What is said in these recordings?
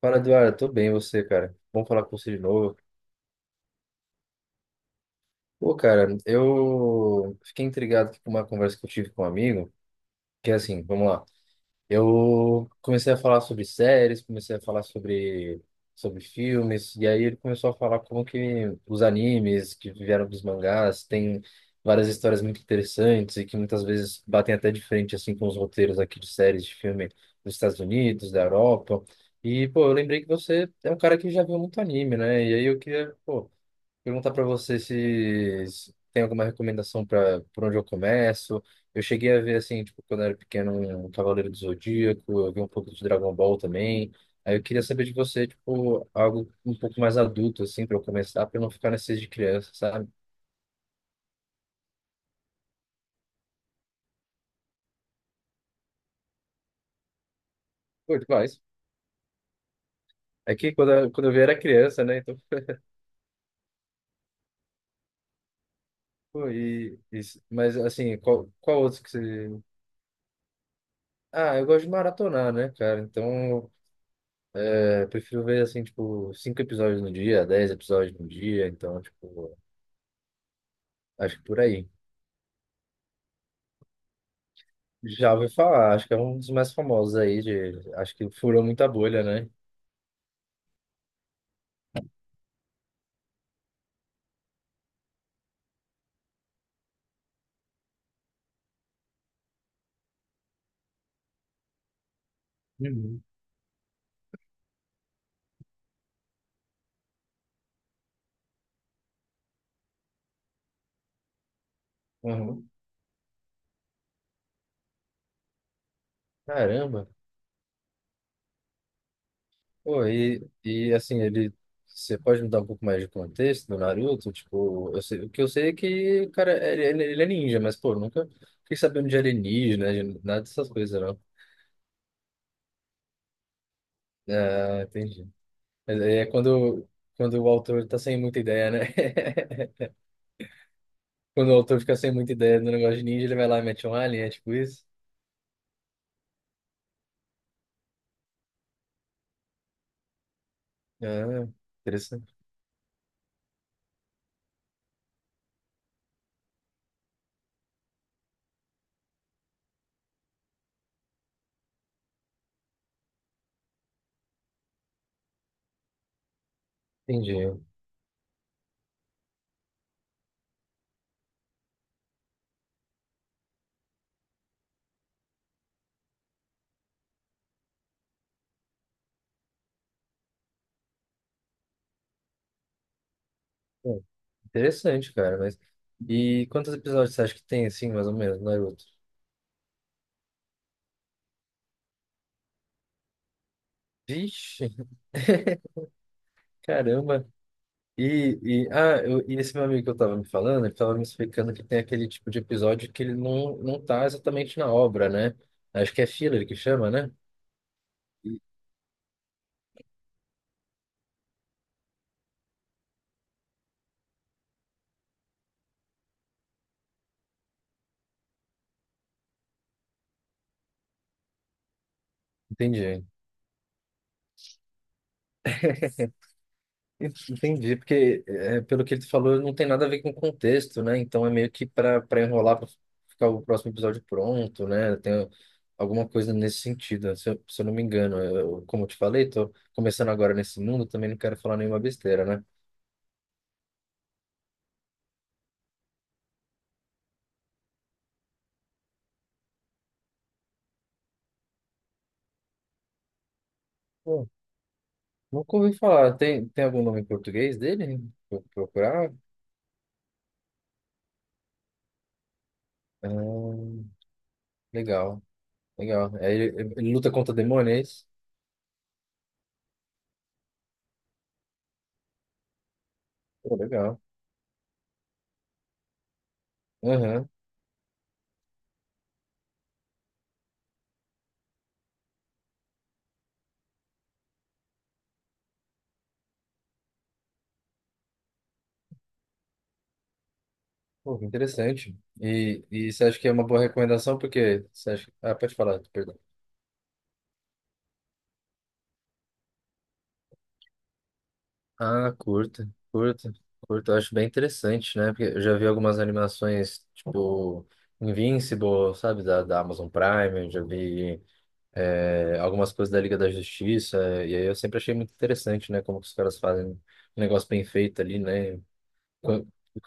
Fala, Eduardo. Tô bem, e você, cara? Bom falar com você de novo. Pô, cara, eu fiquei intrigado aqui com uma conversa que eu tive com um amigo, que é assim, vamos lá. Eu comecei a falar sobre séries, comecei a falar sobre filmes, e aí ele começou a falar como que os animes que vieram dos mangás têm várias histórias muito interessantes e que muitas vezes batem até de frente assim com os roteiros aqui de séries de filme dos Estados Unidos, da Europa. E, pô, eu lembrei que você é um cara que já viu muito anime, né? E aí eu queria, pô, perguntar para você se tem alguma recomendação para por onde eu começo. Eu cheguei a ver, assim, tipo, quando eu era pequeno, um Cavaleiro do Zodíaco, eu vi um pouco de Dragon Ball também. Aí eu queria saber de você, tipo, algo um pouco mais adulto, assim, para eu começar, para não ficar nesses de criança, sabe? Pô, demais. É que quando eu vi era criança, né? Então, pô, mas, assim, qual outro que você. Ah, eu gosto de maratonar, né, cara? Então. É, prefiro ver, assim, tipo, 5 episódios no dia, 10 episódios no dia, então, tipo, acho que por aí. Já ouvi falar, acho que é um dos mais famosos aí, de, acho que furou muita bolha, né? Uhum. Uhum. Caramba! Pô, e assim, ele. Você pode me dar um pouco mais de contexto do Naruto? Tipo, eu sei, o que eu sei é que, o cara, ele, ele é ninja, mas, pô, nunca fiquei sabendo de alienígena, de nada dessas coisas, não. Ah, entendi. Mas aí é quando, quando o autor tá sem muita ideia, né? Quando o autor fica sem muita ideia do negócio de ninja, ele vai lá e mete um alien, é tipo isso? Ah, interessante. Entendi. Pô, interessante, cara, mas... E quantos episódios você acha que tem, assim, mais ou menos, Naruto? Vixe, caramba. E, e, ah, eu, e esse meu amigo que eu tava me falando, ele tava me explicando que tem aquele tipo de episódio que ele não, não tá exatamente na obra, né? Acho que é filler que chama, né? Entendi. Entendi, porque é, pelo que ele falou, não tem nada a ver com o contexto, né? Então é meio que para enrolar, para ficar o próximo episódio pronto, né? Tem alguma coisa nesse sentido, né? Se eu, se eu não me engano. Eu, como eu te falei, tô começando agora nesse mundo, também não quero falar nenhuma besteira, né? Pô, nunca ouvi falar. Tem algum nome em português dele? Vou procurar? Ah, legal, legal. É, ele luta contra demônios? Pô, legal. Aham. Pô, que interessante. E você acha que é uma boa recomendação? Porque você acha... Ah, pode falar, perdão. Ah, curta, curta, curta. Eu acho bem interessante, né? Porque eu já vi algumas animações, tipo Invincible, sabe? Da Amazon Prime, eu já vi algumas coisas da Liga da Justiça. E aí eu sempre achei muito interessante, né? Como que os caras fazem um negócio bem feito ali, né? co-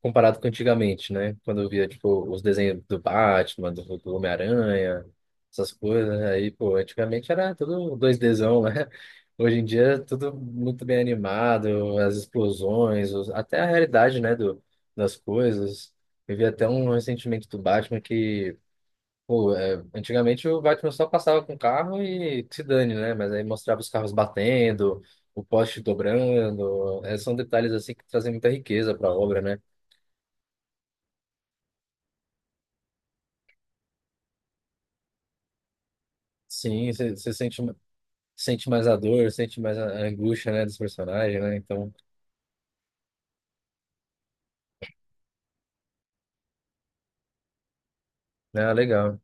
Comparado com antigamente, né? Quando eu via, tipo, os desenhos do Batman, do Homem-Aranha, essas coisas, né? Aí, pô, antigamente era tudo dois dzão né? Hoje em dia é tudo muito bem animado, as explosões, os- até a realidade, né, do, das coisas. Eu vi até um ressentimento do Batman que, pô, é, antigamente o Batman só passava com o carro e que se dane, né? Mas aí mostrava os carros batendo, o poste dobrando, é, são detalhes assim que trazem muita riqueza para a obra, né? Sim, você sente, sente mais a dor, sente mais a angústia, né, dos personagens, né? Então, é legal.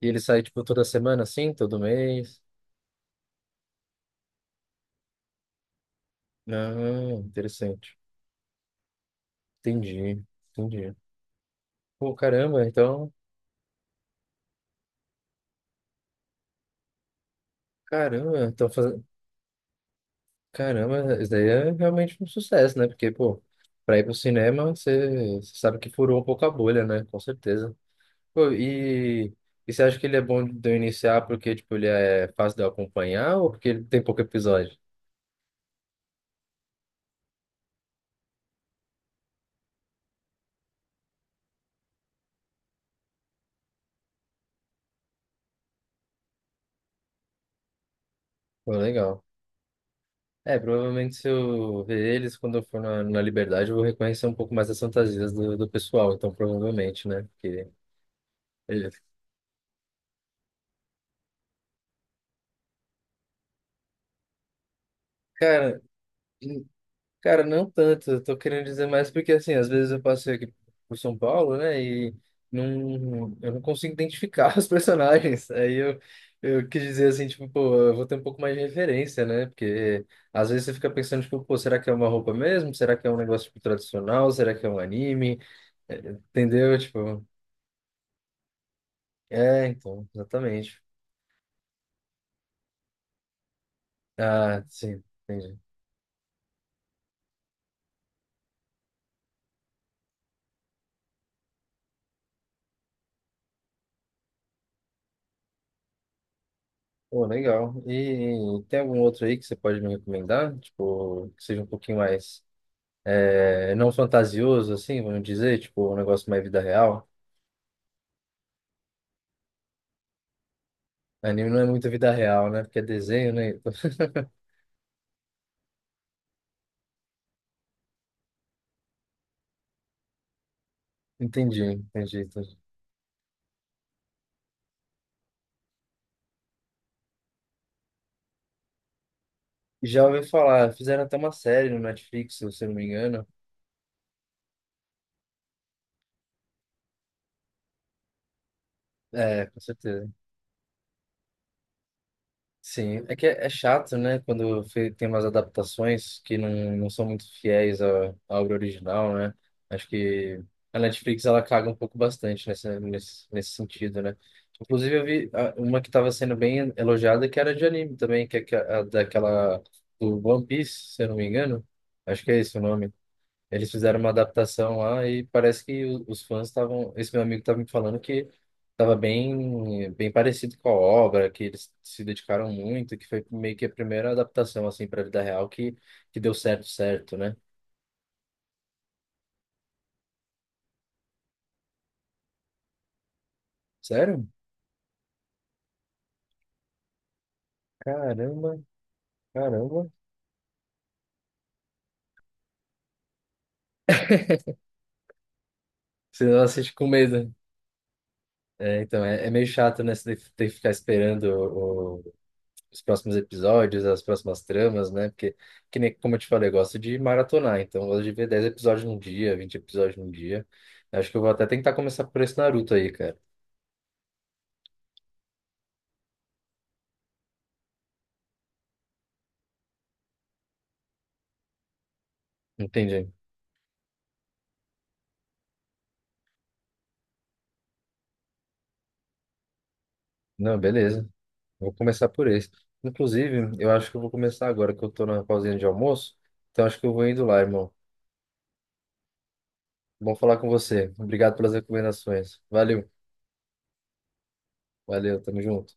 E ele sai, tipo, toda semana, assim, todo mês? Ah, interessante. Entendi, entendi. Pô, caramba, então... Caramba, então fazendo... Caramba, isso daí é realmente um sucesso, né? Porque, pô, pra ir pro cinema, você sabe que furou um pouco a bolha, né? Com certeza. Pô, e... E você acha que ele é bom de eu iniciar porque, tipo, ele é fácil de eu acompanhar ou porque ele tem pouco episódio? Pô, legal. É, provavelmente se eu ver eles quando eu for na, na Liberdade, eu vou reconhecer um pouco mais as fantasias do, do pessoal, então provavelmente, né? Porque, ele- cara, hum, cara, não tanto, eu tô querendo dizer mais porque, assim, às vezes eu passei aqui por São Paulo, né, e não, eu não consigo identificar os personagens, aí eu quis dizer assim, tipo, pô, eu vou ter um pouco mais de referência, né, porque às vezes você fica pensando, tipo, pô, será que é uma roupa mesmo? Será que é um negócio, tipo, tradicional? Será que é um anime? É, entendeu? Tipo... É, então, exatamente. Ah, sim, entendi. Pô, legal. E tem algum outro aí que você pode me recomendar? Tipo, que seja um pouquinho mais, é, não fantasioso, assim, vamos dizer, tipo, um negócio mais vida real. Anime não é muito vida real, né? Porque é desenho, né? Então, entendi, entendi, entendi. Já ouvi falar, fizeram até uma série no Netflix, se eu não me engano. É, com certeza. Sim, é que é, é chato, né? Quando fe- tem umas adaptações que não, não são muito fiéis à, à obra original, né? Acho que a Netflix ela caga um pouco bastante nessa, nesse, nesse sentido, né? Inclusive, eu vi ah, uma que estava sendo bem elogiada que era de anime também, que- é a, daquela do One Piece, se eu não me engano. Acho que é esse o nome. Eles fizeram uma adaptação lá e parece que o- os fãs estavam. Esse meu amigo estava me falando que estava bem, bem parecido com a obra, que eles se dedicaram muito, que foi meio que a primeira adaptação assim para a vida real que deu certo, certo, né? Sério? Caramba, caramba. Você não assiste com medo. É, então, é, é meio chato, né? Você ter que ficar esperando os próximos episódios, as próximas tramas, né? Porque, que nem, como eu te falei, eu gosto de maratonar, então eu gosto de ver 10 episódios num dia, 20 episódios num dia. Acho que eu vou até tentar começar por esse Naruto aí, cara. Entendi. Não, beleza. Vou começar por esse. Inclusive, eu acho que eu vou começar agora que eu tô na pausinha de almoço, então acho que eu vou indo lá, irmão. Bom falar com você. Obrigado pelas recomendações. Valeu, valeu, tamo junto.